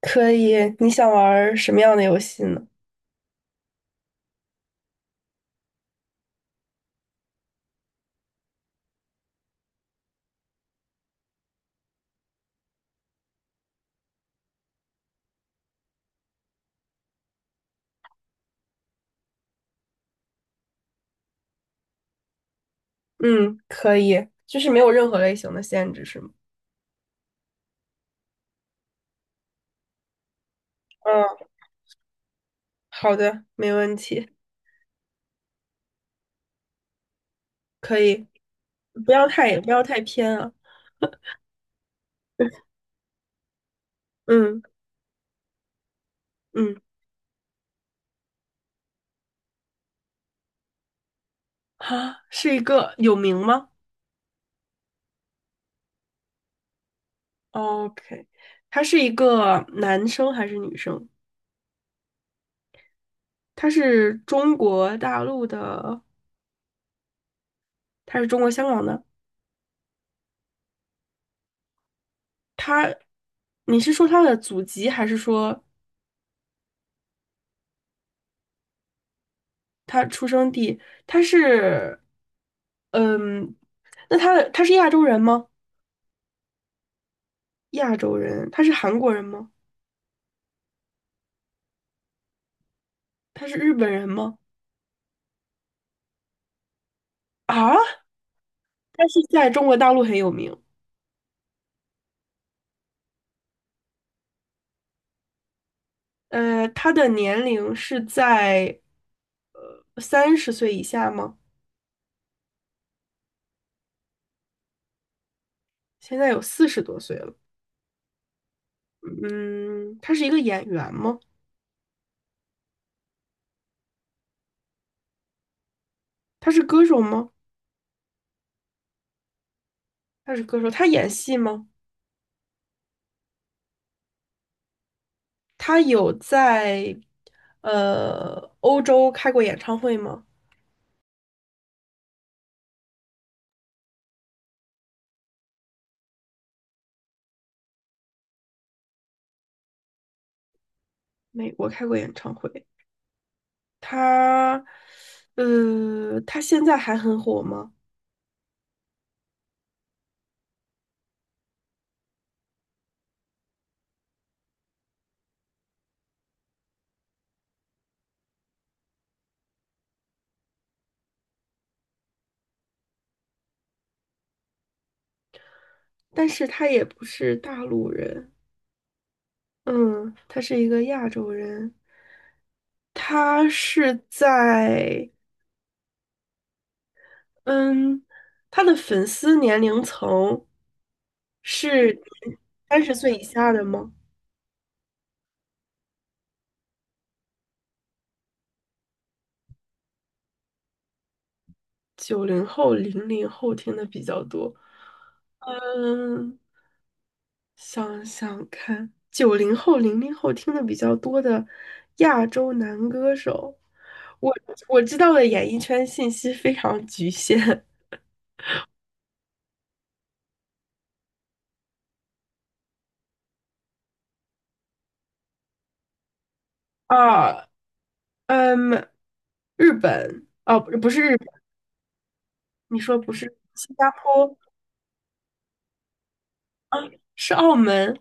可以，你想玩儿什么样的游戏呢？嗯，可以，就是没有任何类型的限制，是吗？嗯，好的，没问题，可以，不要太偏啊。嗯嗯，啊，是一个有名吗哦？OK，他是一个男生还是女生？他是中国大陆的，他是中国香港的。他，你是说他的祖籍，还是说他出生地，他是，嗯，那他是亚洲人吗？亚洲人，他是韩国人吗？他是日本人吗？啊，他是在中国大陆很有名。他的年龄是在三十岁以下吗？现在有四十多岁了。嗯，他是一个演员吗？他是歌手吗？他是歌手，他演戏吗？他有在欧洲开过演唱会吗？美国开过演唱会，他，他现在还很火吗？但是他也不是大陆人，嗯，他是一个亚洲人，他是在，嗯，他的粉丝年龄层是三十岁以下的吗？九零后、零零后听的比较多，嗯。想想看，九零后、零零后听的比较多的亚洲男歌手，我我知道的演艺圈信息非常局限 啊，嗯，日本哦，不是日本，你说不是新加坡，是澳门、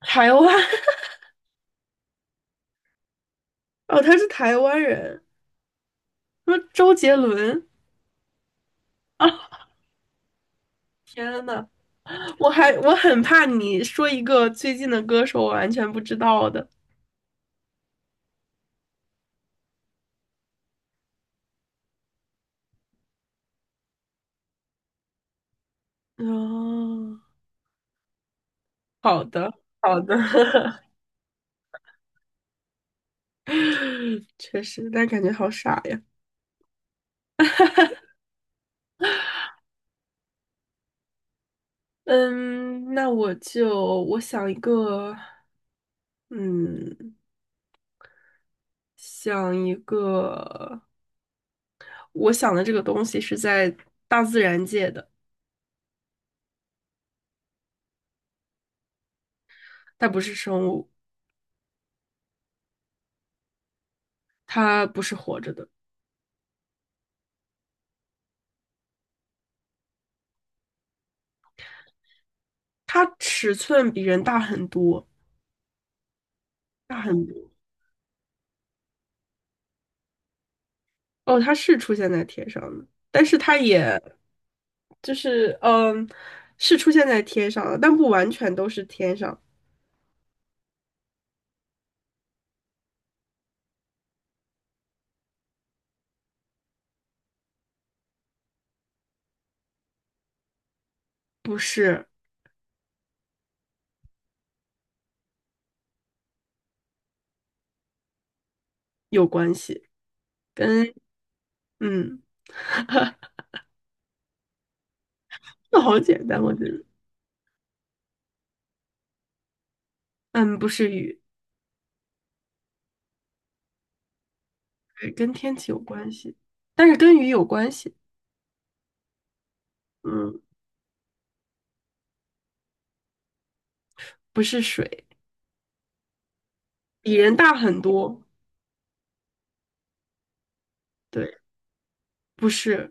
台湾 哦，他是台湾人，说周杰伦啊，天呐，我很怕你说一个最近的歌手我完全不知道的，哦，好的好的。嗯，确实，但感觉好傻呀。嗯，那我就想一个，嗯，想一个，我想的这个东西是在大自然界的，它不是生物，它不是活着的，它尺寸比人大很多，大很多。哦，它是出现在天上的，但是它也就是嗯，是出现在天上的，但不完全都是天上，不是有关系，跟嗯。那好简单，我觉得。嗯，不是雨，对，跟天气有关系，但是跟雨有关系。嗯，不是水，比人大很多。对，不是，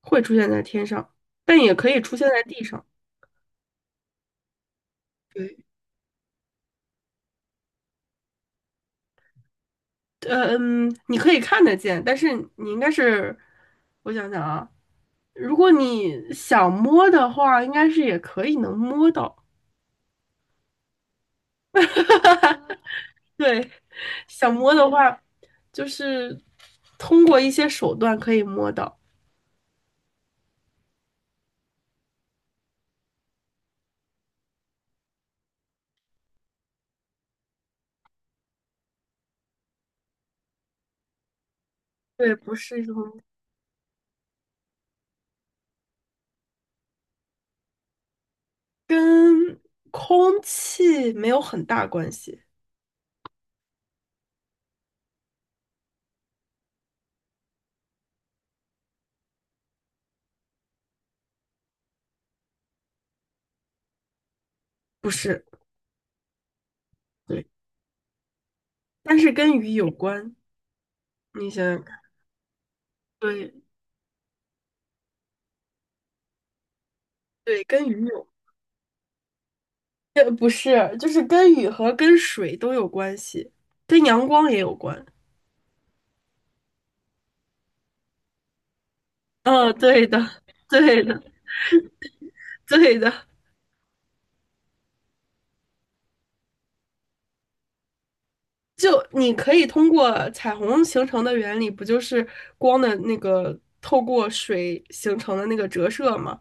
会出现在天上，但也可以出现在地上。对，嗯，你可以看得见，但是你应该是，我想想啊，如果你想摸的话，应该是也可以能摸到。对，想摸的话，就是通过一些手段可以摸到。对，不是一种。跟空气没有很大关系，不是，对，但是跟雨有关。你想想看，对对，跟雨有，不是，就是跟雨和跟水都有关系，跟阳光也有关。嗯，对的，对的，对的。就你可以通过彩虹形成的原理，不就是光的那个透过水形成的那个折射吗？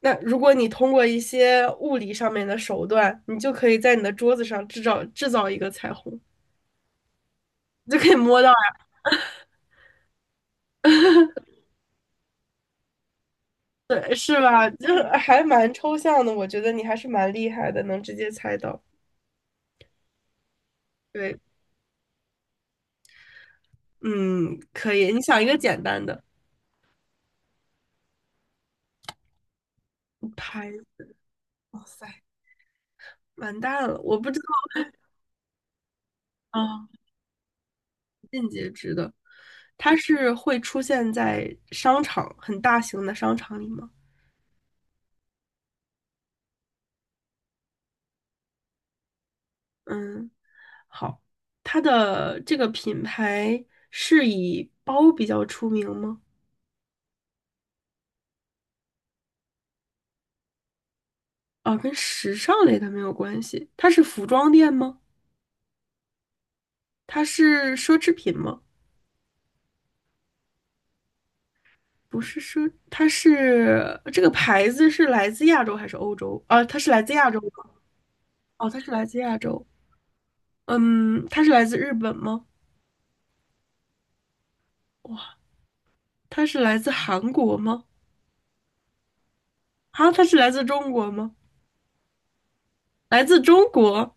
那如果你通过一些物理上面的手段，你就可以在你的桌子上制造一个彩虹，你就可以摸到对，是吧？就是还蛮抽象的，我觉得你还是蛮厉害的，能直接猜到。对，嗯，可以。你想一个简单的，拍，哇塞，完蛋了，我不知道啊，它是会出现在商场，很大型的商场里吗？嗯，好，它的这个品牌是以包比较出名吗？哦，跟时尚类的没有关系。它是服装店吗？它是奢侈品吗？不是奢，它是这个牌子是来自亚洲还是欧洲？啊，它是来自亚洲吗？哦，它是来自亚洲。嗯，它是来自日本吗？哇，它是来自韩国吗？啊，它是来自中国吗？来自中国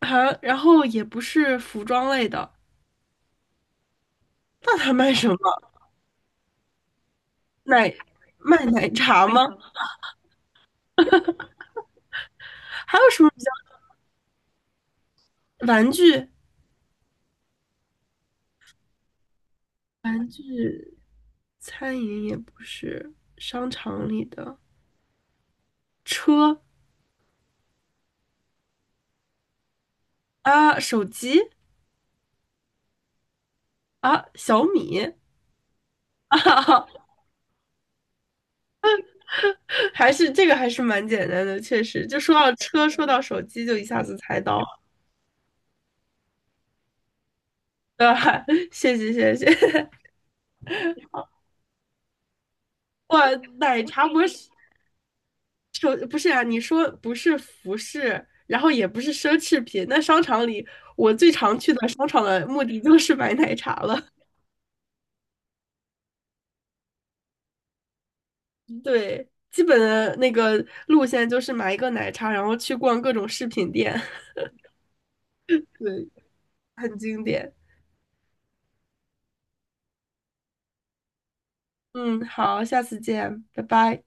啊，然后也不是服装类的，那它卖什么？奶，卖奶茶吗？还有什么玩具？餐饮也不是，商场里的车啊，手机啊，小米啊，还是这个还是蛮简单的，确实，就说到车，说到手机，就一下子猜到了，对吧？谢谢谢谢，哇，奶茶不是手，不是啊，你说不是服饰，然后也不是奢侈品，那商场里我最常去的商场的目的就是买奶茶了，对。基本的那个路线就是买一个奶茶，然后去逛各种饰品店，对，很经典。嗯，好，下次见，拜拜。